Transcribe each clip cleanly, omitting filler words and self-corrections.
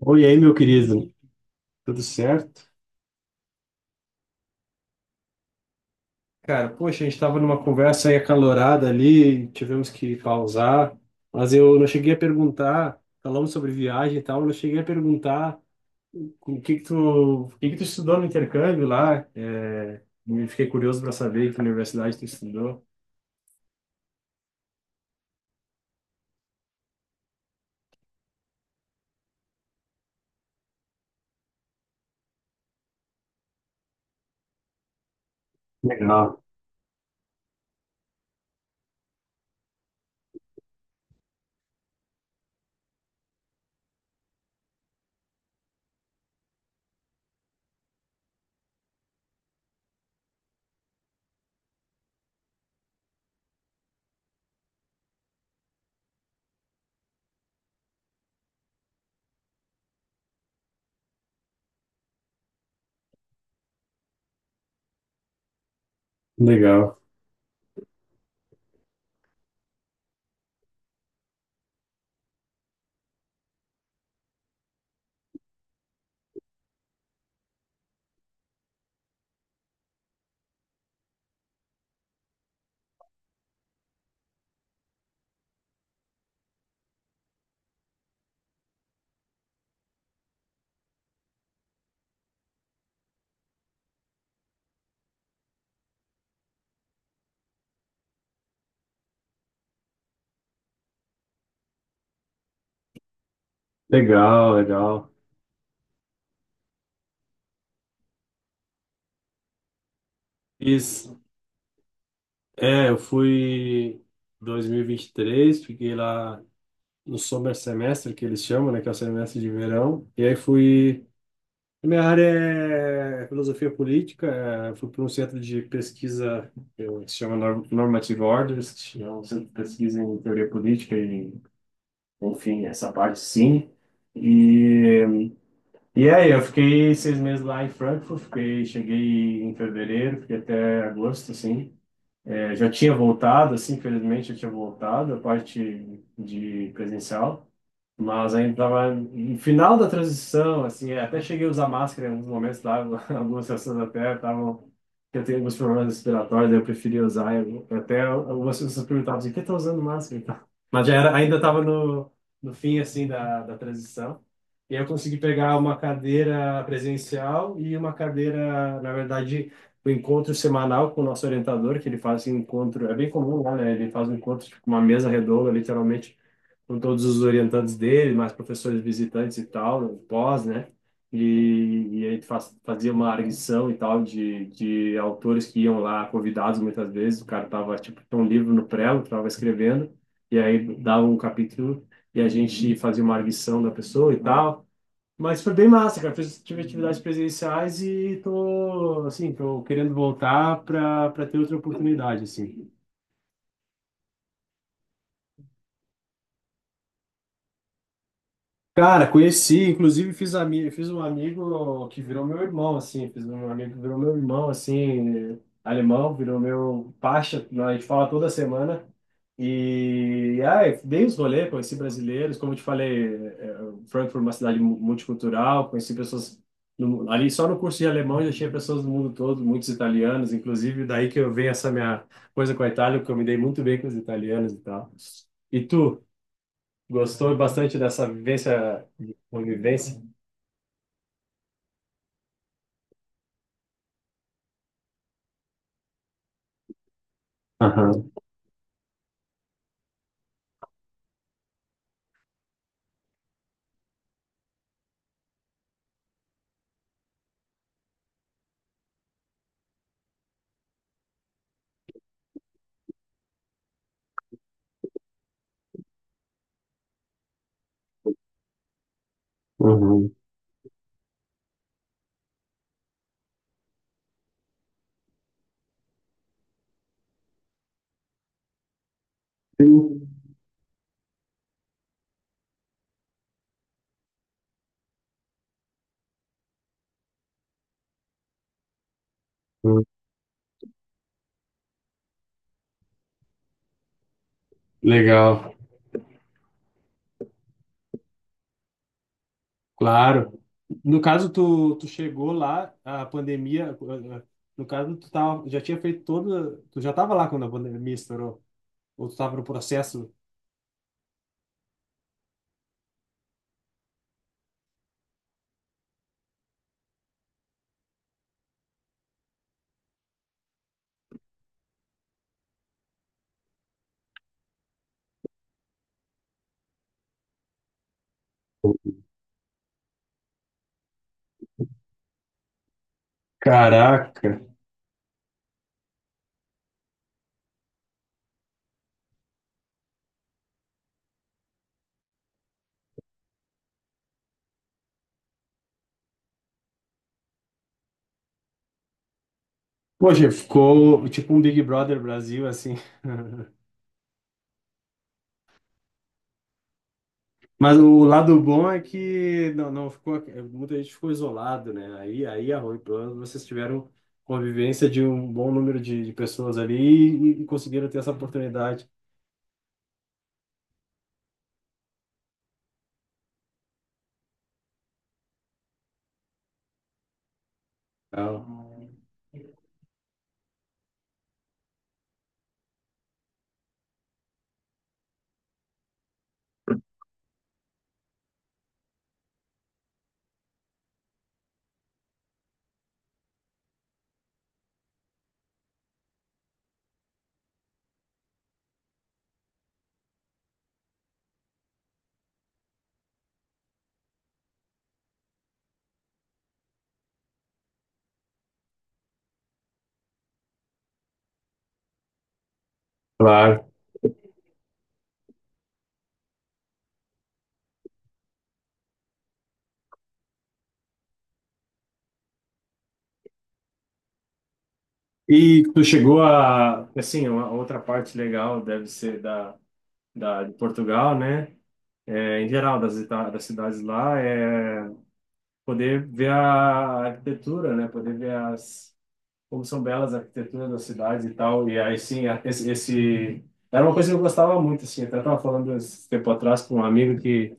Oi, aí, meu querido. Tudo certo? Cara, poxa, a gente estava numa conversa aí acalorada ali, tivemos que pausar, mas eu não cheguei a perguntar, falamos sobre viagem e tal, eu não cheguei a perguntar o que que tu, o que que tu estudou no intercâmbio lá, me fiquei curioso para saber que universidade tu estudou. Legal. Legal. Legal, legal. Fiz, eu fui em 2023, fiquei lá no summer semestre, que eles chamam, né, que é o semestre de verão. E aí fui. A minha área é filosofia política. Fui para um centro de pesquisa que se chama Normative Orders, que é um centro de pesquisa em teoria política e, enfim, essa parte sim. E, e aí, eu fiquei 6 meses lá em Frankfurt, fiquei, cheguei em fevereiro, fiquei até agosto, assim. Já tinha voltado, assim, infelizmente, eu tinha voltado a parte de presencial. Mas ainda tava no final da transição, assim, até cheguei a usar máscara em alguns momentos lá, algumas pessoas até estavam, que eu tenho alguns problemas respiratórios, eu preferia usar, eu, até algumas pessoas perguntavam assim, por que tá usando máscara e tal? Mas já era, ainda estava no fim, assim, da transição, e aí eu consegui pegar uma cadeira presencial e uma cadeira, na verdade, o encontro semanal com o nosso orientador, que ele faz um encontro, é bem comum lá, né? Ele faz um encontro, tipo, uma mesa redonda, literalmente, com todos os orientantes dele, mais professores visitantes e tal, né, pós, né? E aí tu faz, fazia uma arguição e tal de autores que iam lá convidados muitas vezes, o cara tava, tipo, tinha um livro no prelo, tava escrevendo, e aí dava um capítulo e a gente fazia uma arguição da pessoa e tal. Mas foi bem massa, cara. Fiz, tive atividades presenciais e tô, assim, tô querendo voltar para ter outra oportunidade, assim. Cara, conheci, inclusive fiz um amigo que virou meu irmão, assim, fiz um amigo que virou meu irmão, assim, alemão, virou meu pacha, né, a gente fala toda semana, e, ai, dei uns rolê, conheci brasileiros, como eu te falei, Frankfurt é uma cidade multicultural, conheci pessoas, ali só no curso de alemão já tinha pessoas do mundo todo, muitos italianos, inclusive daí que eu venho essa minha coisa com a Itália, porque eu me dei muito bem com os italianos e tal. E tu? Gostou bastante dessa vivência de convivência? Aham, uhum. Uhum. Legal, claro. No caso, tu chegou lá, a pandemia, no caso, tu tava, já tinha feito toda, tu já estava lá quando a pandemia estourou, ou tu estava no processo? Caraca. Poxa, ficou tipo um Big Brother Brasil, assim. Mas o lado bom é que não, não ficou, muita gente ficou isolado, né? Aí é ruim, pelo menos vocês tiveram convivência de um bom número de pessoas ali e conseguiram ter essa oportunidade. Ah, claro. E tu chegou a, assim, uma outra parte legal deve ser da, de Portugal, né? É, em geral das cidades lá é poder ver a arquitetura, né? Poder ver as como são belas a arquitetura das cidades e tal. E aí, sim, era uma coisa que eu gostava muito, assim. Até estava falando esse tempo atrás com um amigo que.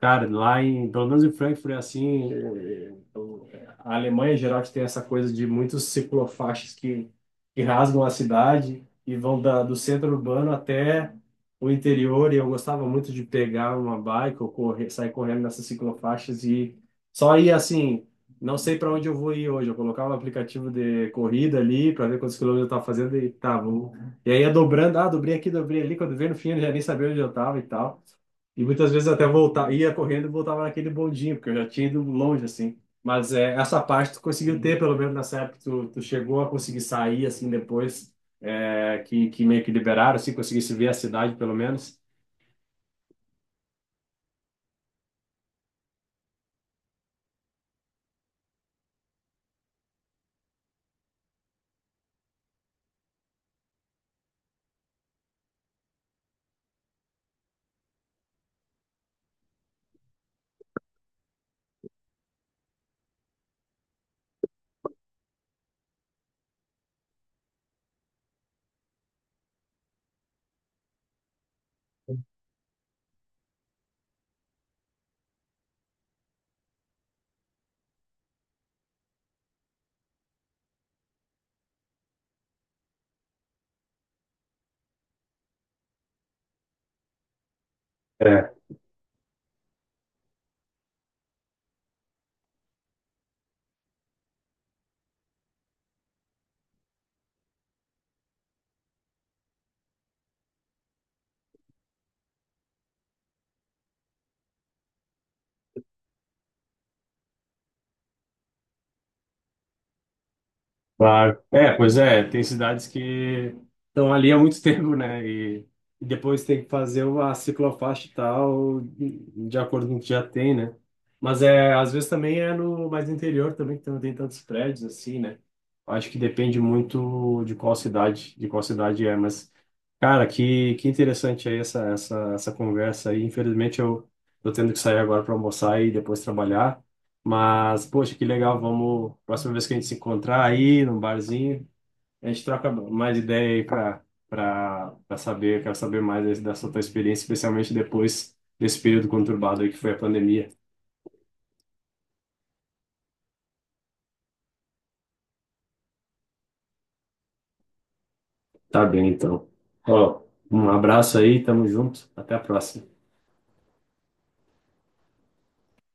Cara, pelo menos em Frankfurt, é assim, a Alemanha, em geral, que tem essa coisa de muitos ciclofaixas que rasgam a cidade e vão da, do centro urbano até o interior. E eu gostava muito de pegar uma bike ou correr, sair correndo nessas ciclofaixas e só ir assim, não sei para onde eu vou ir hoje. Eu colocava o aplicativo de corrida ali para ver quantos quilômetros eu estava fazendo e tá, vou. E aí ia dobrando, ah, dobrei aqui, dobrei ali. Quando veio no fim, eu já nem sabia onde eu estava e tal. E muitas vezes até voltar, ia correndo e voltava naquele bondinho, porque eu já tinha ido longe, assim. Mas é, essa parte tu conseguiu ter, pelo menos nessa época, tu chegou a conseguir sair, assim, depois, é, que meio que liberaram, assim, conseguisse ver a cidade, pelo menos. Claro. É, pois é, tem cidades que estão ali há muito tempo, né? E depois tem que fazer uma ciclofaixa e tal, de acordo com o que já tem, né? Mas é, às vezes também é no mais interior também, que não tem tantos prédios assim, né? Acho que depende muito de qual cidade é, mas cara, que interessante aí essa conversa aí. Infelizmente eu tô tendo que sair agora para almoçar e depois trabalhar. Mas, poxa, que legal. Vamos, próxima vez que a gente se encontrar aí num barzinho, a gente troca mais ideia aí para saber, quero saber mais aí dessa tua experiência, especialmente depois desse período conturbado aí que foi a pandemia. Tá bem, então. Ó, um abraço aí, tamo junto. Até a próxima.